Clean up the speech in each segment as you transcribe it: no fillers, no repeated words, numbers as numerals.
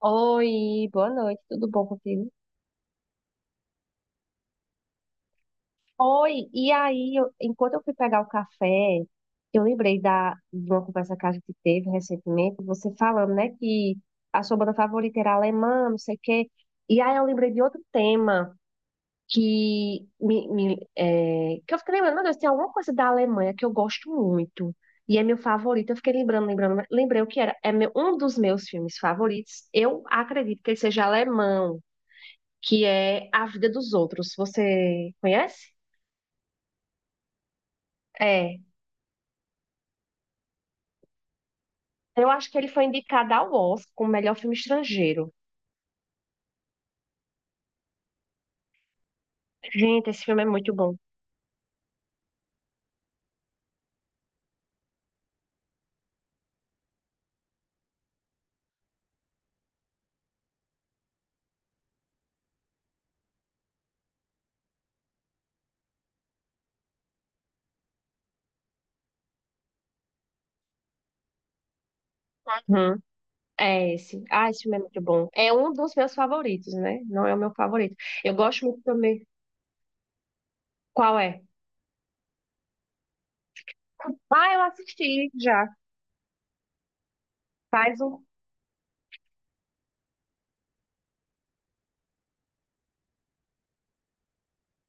Oi, boa noite, tudo bom contigo? Oi, e aí, enquanto eu fui pegar o café, eu lembrei de uma conversa que a gente teve recentemente, você falando, né, que a sua banda favorita era alemã, não sei o quê. E aí eu lembrei de outro tema que que eu fiquei lembrando, meu Deus, tem alguma coisa da Alemanha que eu gosto muito. E é meu favorito, eu fiquei lembrando, lembrei o que era. Um dos meus filmes favoritos, eu acredito que ele seja alemão, que é A Vida dos Outros. Você conhece? É. Eu acho que ele foi indicado ao Oscar como melhor filme estrangeiro. Gente, esse filme é muito bom. Uhum. É esse. Ah, esse filme é muito bom. É um dos meus favoritos, né? Não é o meu favorito. Eu gosto muito também. Qual é? Ah, eu assisti já. Faz um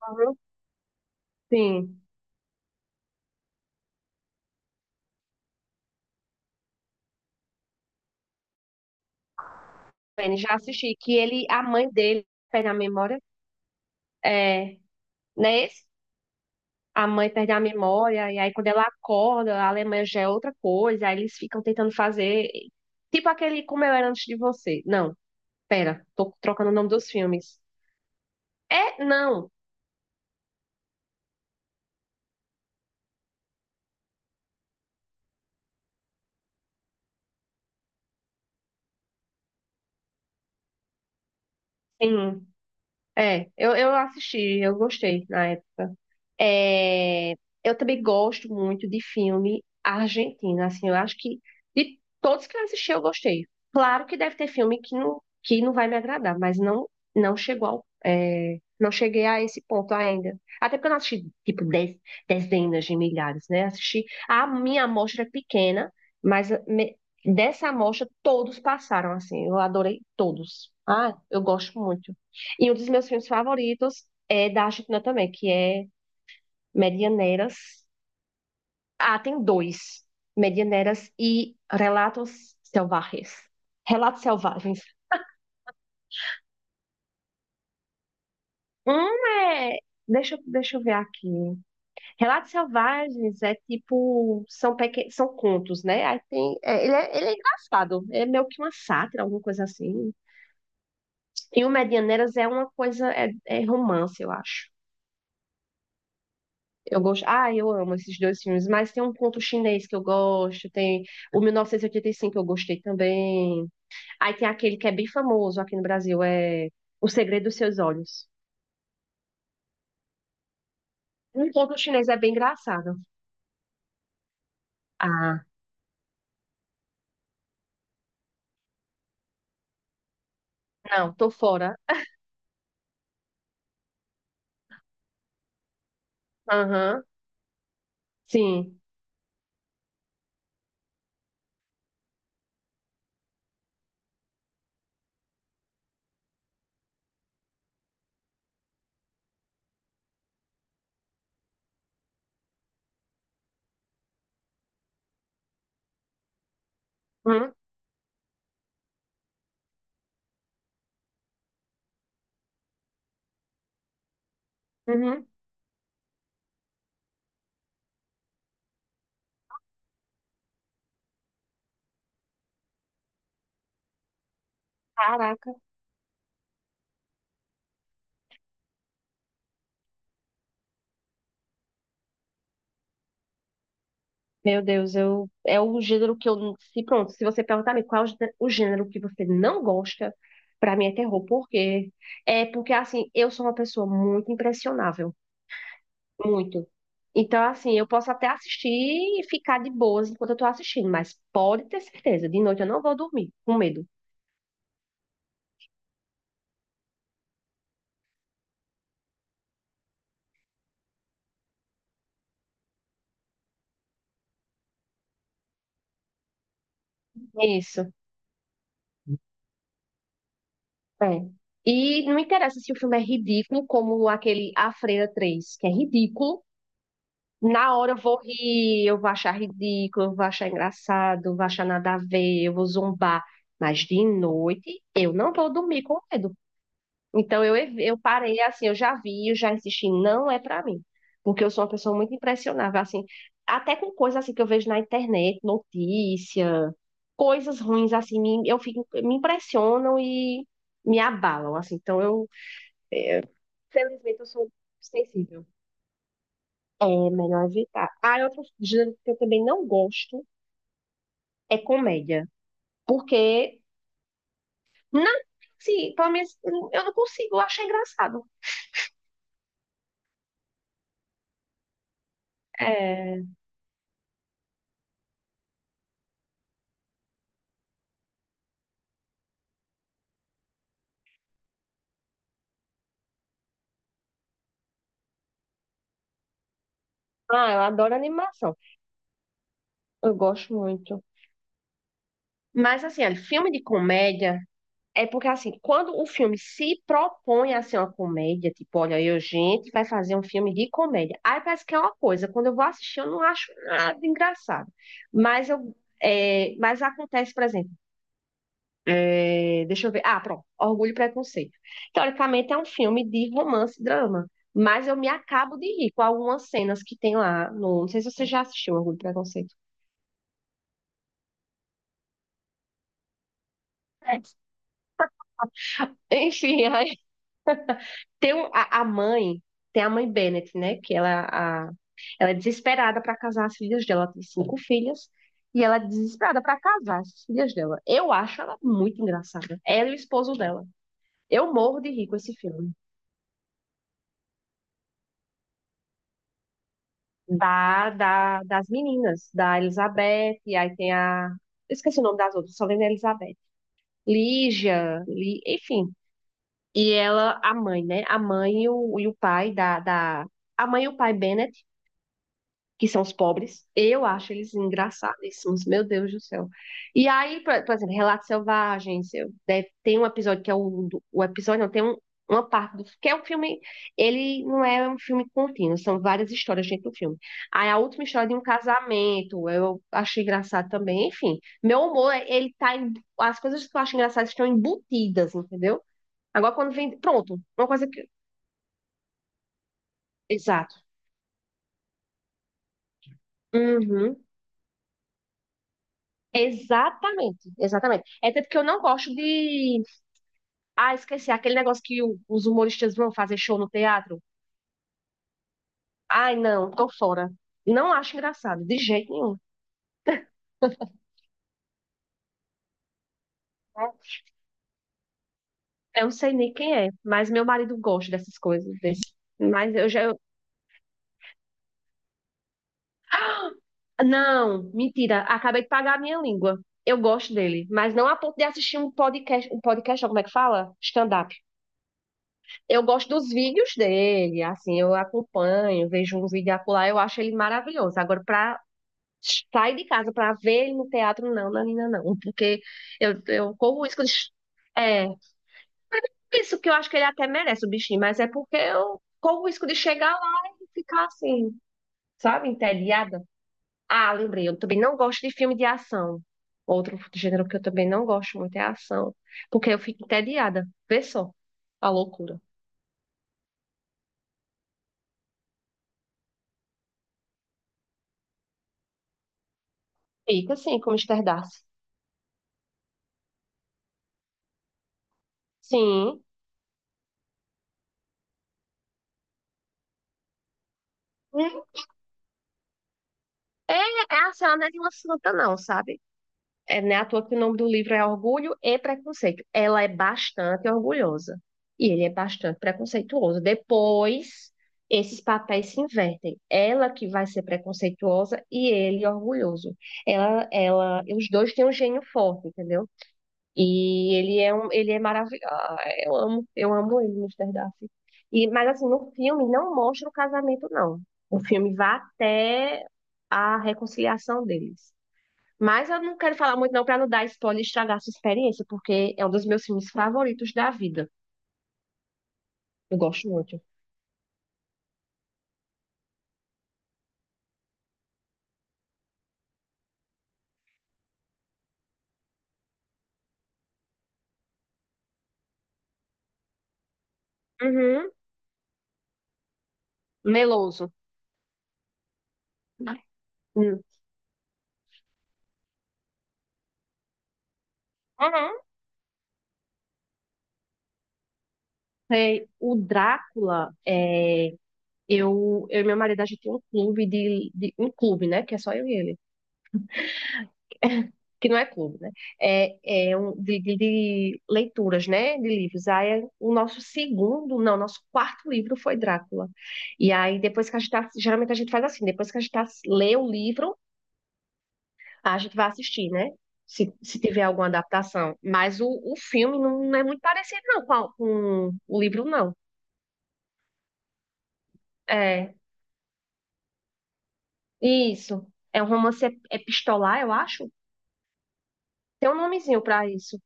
ano. Sim. Bem, já assisti. Que ele, a mãe dele, perde a memória. É. Não é esse? A mãe perde a memória, e aí quando ela acorda, a Alemanha já é outra coisa, aí eles ficam tentando fazer. Tipo aquele Como Eu Era Antes de Você. Não, pera, tô trocando o nome dos filmes. É, não, sim. É, eu assisti, eu gostei na época. É, eu também gosto muito de filme argentino, assim, eu acho que de todos que eu assisti eu gostei. Claro que deve ter filme que não vai me agradar, mas não não chegou ao, não cheguei a esse ponto ainda. Até porque eu não assisti, tipo, dezenas de milhares, né? Assisti, a minha amostra é pequena, mas me- dessa amostra todos passaram, assim, eu adorei todos. Ah, eu gosto muito. E um dos meus filmes favoritos é da Argentina também, que é Medianeiras. Ah, tem dois. Medianeiras e Relatos Selvagens. Relatos Selvagens. Um é. Deixa eu ver aqui. Relatos Selvagens é tipo. São, são contos, né? Aí tem... ele é engraçado. É meio que uma sátira, alguma coisa assim. E o Medianeiras é uma coisa. É romance, eu acho. Eu gosto. Ah, eu amo esses dois filmes. Mas tem um conto chinês que eu gosto. Tem o 1985, eu gostei também. Aí tem aquele que é bem famoso aqui no Brasil, é O Segredo dos Seus Olhos. Um conto chinês é bem engraçado. Ah, não, tô fora. Aham, sim. Hum, uhum. Caraca, meu Deus, eu é o gênero que eu não- se pronto, se você perguntar-me qual é o o gênero que você não gosta, pra mim é terror, por quê? É porque assim, eu sou uma pessoa muito impressionável. Muito. Então, assim, eu posso até assistir e ficar de boas enquanto eu tô assistindo, mas pode ter certeza, de noite eu não vou dormir, com medo. Isso, é. E não interessa se o filme é ridículo, como aquele A Freira 3, que é ridículo. Na hora eu vou rir, eu vou achar ridículo, eu vou achar engraçado, eu vou achar nada a ver, eu vou zombar. Mas de noite eu não vou dormir com medo. Então eu, eu parei assim, eu já vi, eu já insisti, não é pra mim. Porque eu sou uma pessoa muito impressionável, assim, até com coisas assim que eu vejo na internet, notícia, coisas ruins assim, eu fico, me impressionam e me abalam, assim. Então eu, felizmente, eu sou sensível. É melhor evitar. Ah, e outro gênero que eu também não gosto é comédia, porque não, sim, pelo menos eu não consigo, eu acho engraçado. É, ah, eu adoro animação. Eu gosto muito. Mas assim, olha, filme de comédia é porque assim, quando o filme se propõe a ser uma comédia, tipo, olha, eu, gente, vai fazer um filme de comédia. Aí parece que é uma coisa, quando eu vou assistir, eu não acho nada engraçado. Mas eu mas acontece, por exemplo, deixa eu ver. Ah, pronto, Orgulho e Preconceito. Teoricamente é um filme de romance e drama, mas eu me acabo de rir com algumas cenas que tem lá no, não sei se você já assistiu Orgulho e Preconceito. É. Enfim, a mãe, tem a mãe Bennett, né? Ela é desesperada para casar as filhas dela. Ela tem 5 filhas e ela é desesperada para casar as filhas dela. Eu acho ela muito engraçada. Ela e o esposo dela. Eu morro de rir com esse filme. Das meninas, da Elizabeth, e aí tem a. Eu esqueci o nome das outras, só lembro da Elizabeth. Lígia, enfim. E ela, a mãe, né? A mãe e o pai da. A mãe e o pai Bennett que são os pobres. Eu acho eles engraçadíssimos, meu Deus do céu. E aí, por exemplo, Relatos Selvagens, tem um episódio que é o episódio, não, tem uma parte do, que é um filme, ele não é um filme contínuo, são várias histórias dentro do filme. Aí a última história de um casamento, eu achei engraçado também, enfim. Meu humor, as coisas que eu acho engraçadas estão embutidas, entendeu? Agora quando vem, pronto, uma coisa que, exato. Uhum. Exatamente, exatamente. É tanto que eu não gosto de. Ah, esqueci aquele negócio os humoristas vão fazer show no teatro. Ai, não, tô fora. Não acho engraçado, de jeito nenhum. Eu não sei nem quem é, mas meu marido gosta dessas coisas. Mas eu já. Não, mentira, acabei de pagar a minha língua. Eu gosto dele, mas não a ponto de assistir um podcast, não, como é que fala? Stand-up. Eu gosto dos vídeos dele, assim, eu acompanho, vejo um vídeo acolá, eu acho ele maravilhoso. Agora, pra sai de casa para ver ele no teatro, não, Nanina, não, porque eu corro o risco de. É, isso que eu acho que ele até merece o bichinho, mas é porque eu corro o risco de chegar lá e ficar assim, sabe, entediada. Ah, lembrei, eu também não gosto de filme de ação. Outro gênero que eu também não gosto muito é ação, porque eu fico entediada. Vê só a loucura. Fica assim, como esterdalha. Sim. Hum. É assim, ela não é de uma santa, não, sabe? É, né, à toa que o nome do livro é Orgulho e Preconceito. Ela é bastante orgulhosa e ele é bastante preconceituoso. Depois, esses papéis se invertem. Ela que vai ser preconceituosa e ele orgulhoso. Ela, os dois têm um gênio forte, entendeu? E ele é ele é maravilhoso. Eu amo ele, Mr. Darcy. E, mas assim, no filme não mostra o casamento, não. O filme vai até a reconciliação deles. Mas eu não quero falar muito não para não dar spoiler e estragar a sua experiência, porque é um dos meus filmes favoritos da vida. Eu gosto muito. Uhum. Meloso. Hum. Uhum. Sei, o Drácula, eu e meu marido, a gente tem um clube um clube, né? Que é só eu e ele, que não é clube, né? É, é um de leituras, né? De livros. Aí o nosso segundo, não, nosso quarto livro foi Drácula. E aí, depois que geralmente a gente faz assim, depois que a gente tá, lê o livro. A gente vai assistir, né? Se tiver alguma adaptação. Mas o filme não é muito parecido, não, com, com o livro, não. É, isso. É um romance epistolar, eu acho. Tem um nomezinho pra isso.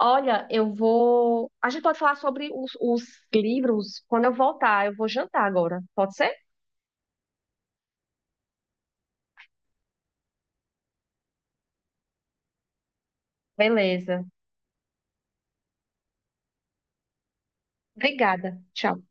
Olha, eu vou. A gente pode falar sobre os livros quando eu voltar. Eu vou jantar agora. Pode ser? Beleza. Obrigada. Tchau.